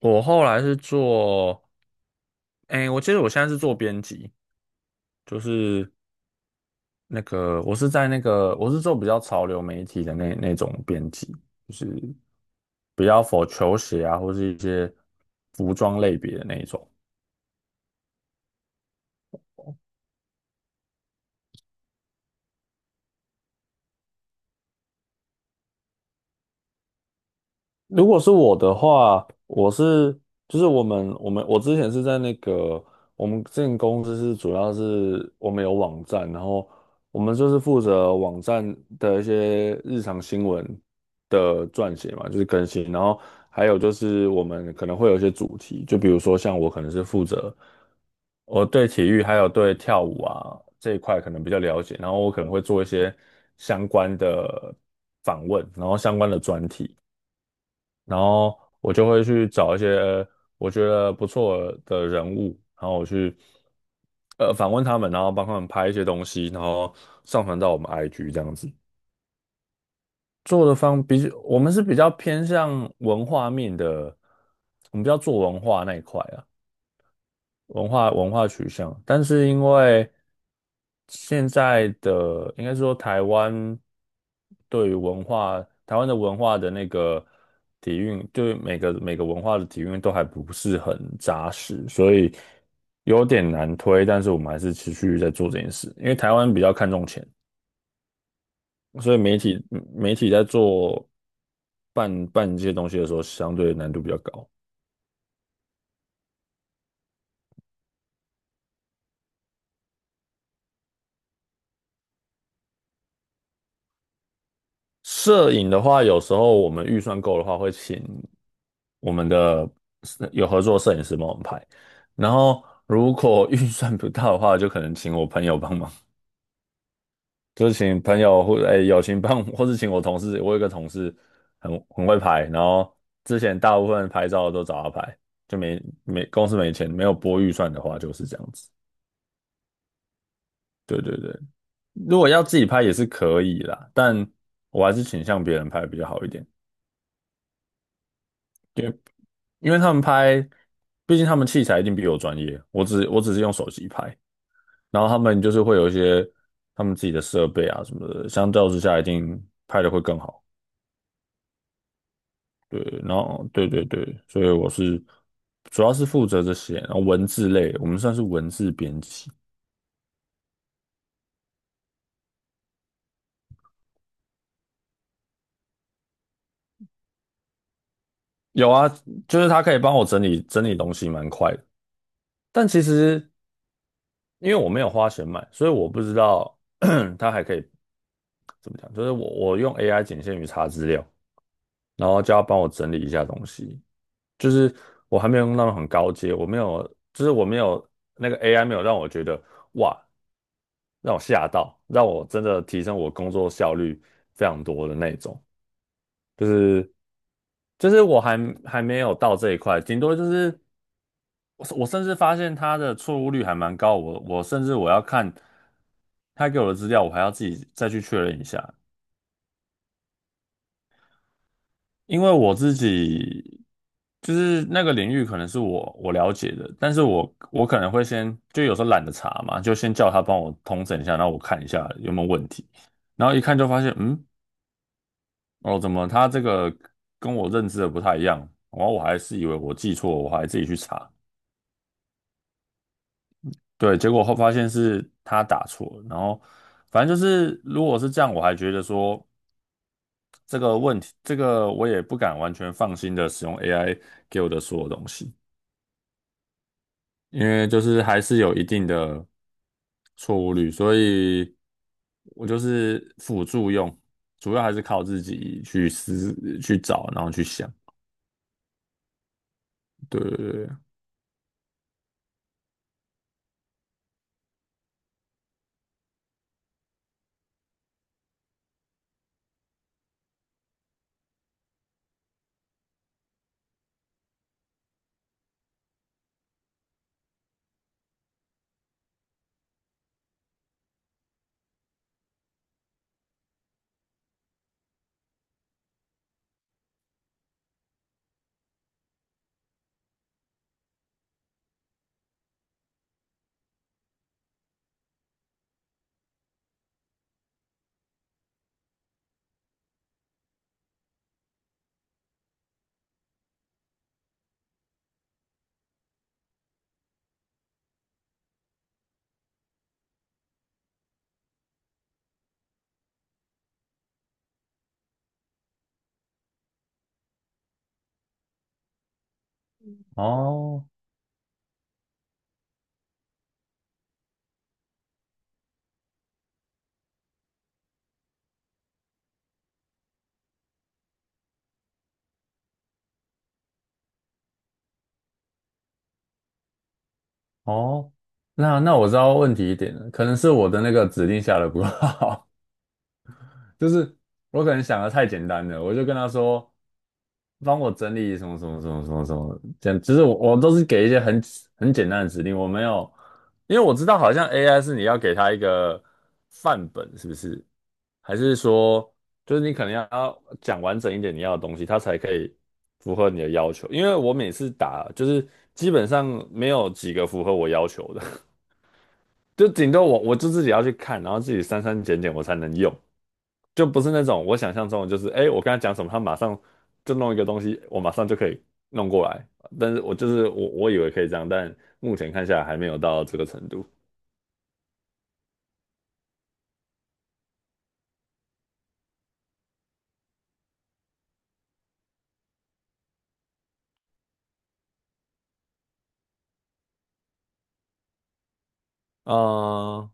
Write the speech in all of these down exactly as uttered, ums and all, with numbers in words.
我后来是做，哎，我记得我现在是做编辑，就是那个我是在那个我是做比较潮流媒体的那那种编辑，就是比较 for 球鞋啊，或是一些服装类别的那一种。如果是我的话，我是就是我们我们我之前是在那个我们之前公司是主要是我们有网站，然后我们就是负责网站的一些日常新闻的撰写嘛，就是更新，然后还有就是我们可能会有一些主题，就比如说像我可能是负责，我对体育还有对跳舞啊这一块可能比较了解，然后我可能会做一些相关的访问，然后相关的专题。然后我就会去找一些呃我觉得不错的人物，然后我去呃访问他们，然后帮他们拍一些东西，然后上传到我们 I G 这样子。做的方比我们是比较偏向文化面的，我们比较做文化那一块啊。文化文化取向，但是因为现在的应该说台湾对于文化，台湾的文化的那个底蕴，对每个每个文化的底蕴都还不是很扎实，所以有点难推。但是我们还是持续在做这件事，因为台湾比较看重钱，所以媒体媒体在做办办这些东西的时候，相对难度比较高。摄影的话，有时候我们预算够的话，会请我们的有合作摄影师帮我们拍。然后如果预算不到的话，就可能请我朋友帮忙，就是请朋友或哎友情帮我或是请我同事。我有一个同事很很会拍，然后之前大部分拍照都找他拍，就没没公司没钱，没有拨预算的话就是这样子。对对对，如果要自己拍也是可以啦，但我还是倾向别人拍比较好一点，因为因为他们拍，毕竟他们器材一定比我专业，我只我只是用手机拍。然后他们就是会有一些他们自己的设备啊什么的，相较之下一定拍的会更好。对，然后对对对，所以我是主要是负责这些，然后文字类，我们算是文字编辑。有啊，就是他可以帮我整理整理东西，蛮快的。但其实因为我没有花钱买，所以我不知道 他还可以怎么讲，就是我我用 A I 仅限于查资料，然后叫他帮我整理一下东西。就是我还没有用到很高阶，我没有，就是我没有那个 A I 没有让我觉得哇，让我吓到，让我真的提升我工作效率非常多的那种，就是就是我还还没有到这一块，顶多就是我我甚至发现它的错误率还蛮高，我我甚至我要看他给我的资料，我还要自己再去确认一下，因为我自己就是那个领域可能是我我了解的，但是我我可能会先就有时候懒得查嘛，就先叫他帮我通整一下，然后我看一下有没有问题，然后一看就发现，嗯，哦，怎么他这个跟我认知的不太一样，然后我还是以为我记错，我还自己去查，对，结果后发现是他打错了，然后反正就是如果是这样，我还觉得说这个问题，这个我也不敢完全放心的使用 A I 给我的所有东西。因为就是还是有一定的错误率，所以我就是辅助用，主要还是靠自己去思去找，然后去想。对对对，对哦哦，那那我知道问题一点了，可能是我的那个指令下的不够好。就是我可能想的太简单了，我就跟他说，帮我整理什么什么什么什么什么，这样，其实我我都是给一些很很简单的指令，我没有，因为我知道好像 A I 是你要给他一个范本，是不是？还是说，就是你可能要讲完整一点你要的东西，它才可以符合你的要求。因为我每次打，就是基本上没有几个符合我要求的，就顶多我我就自己要去看，然后自己删删减减我才能用。就不是那种我想象中的，就是哎，诶我跟他讲什么，他马上就弄一个东西，我马上就可以弄过来。但是我就是我，我以为可以这样，但目前看下来还没有到这个程度。啊。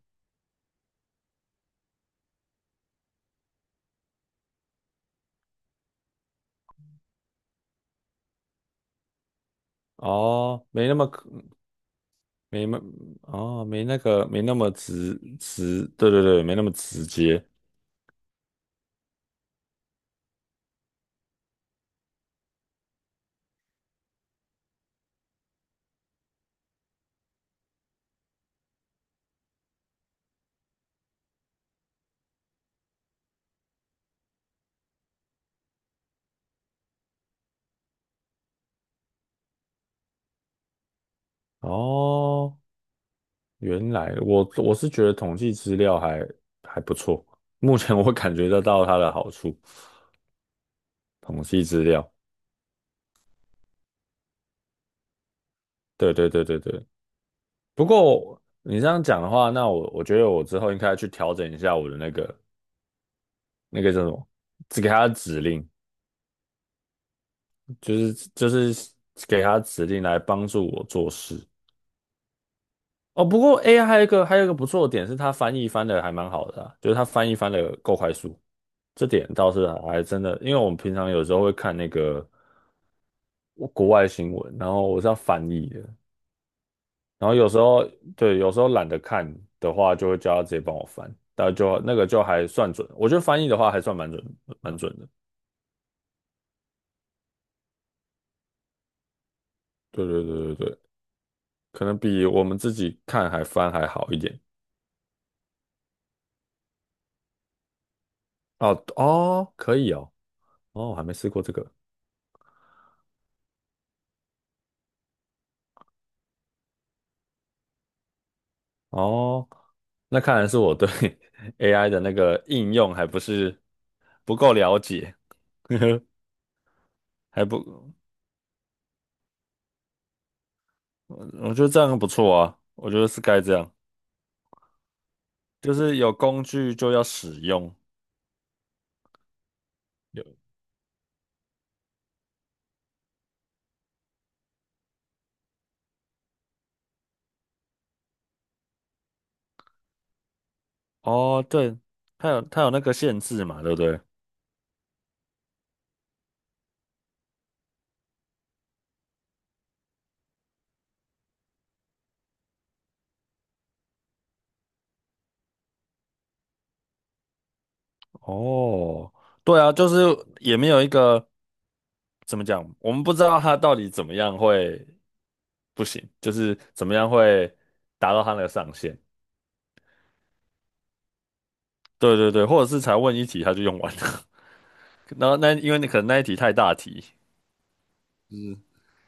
哦，没那么可没那哦，没那个没那么直直，对对对，没那么直接。哦，原来我我是觉得统计资料还还不错，目前我感觉得到它的好处，统计资料。对对对对对，不过你这样讲的话，那我我觉得我之后应该去调整一下我的那个那个叫什么，只给他指令，就是就是给他指令来帮助我做事。哦，不过 A I 还有一个还有一个不错的点是，它翻译翻的还蛮好的啊就是它翻译翻的够快速，这点倒是还真的，因为我们平常有时候会看那个国外新闻，然后我是要翻译的，然后有时候对，有时候懒得看的话，就会叫他直接帮我翻，但就那个就还算准，我觉得翻译的话还算蛮准，蛮准的。对对对对对，可能比我们自己看还翻还好一点。哦哦，可以哦，哦，我还没试过这个哦，那看来是我对 A I 的那个应用还不是不够了解，还不，我觉得这样不错啊，我觉得是该这样，就是有工具就要使用。哦，对，它有它有那个限制嘛，对不对？哦，对啊，就是也没有一个怎么讲，我们不知道它到底怎么样会不行，就是怎么样会达到它个上限。对对对，或者是才问一题他就用完了，然后那因为你可能那一题太大题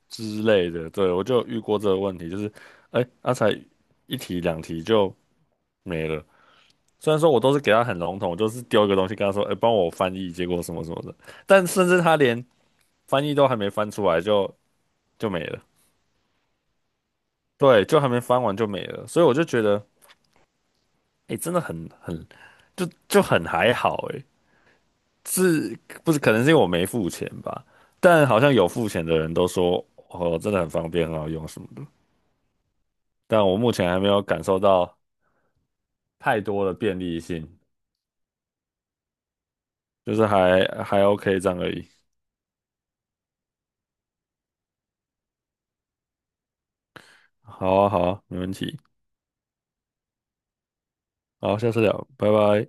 之类的，对，我就有遇过这个问题，就是哎，那、啊才一题两题就没了。虽然说我都是给他很笼统，我就是丢一个东西跟他说，哎、帮我翻译，结果什么什么的，但甚至他连翻译都还没翻出来就就没了，对，就还没翻完就没了，所以我就觉得，哎、真的很很就就很还好、哎，是不是可能是因为我没付钱吧？但好像有付钱的人都说，哦，真的很方便，很好用什么的，但我目前还没有感受到太多的便利性，就是还还 OK 这样而已。好啊，好啊，没问题，好，下次聊，拜拜。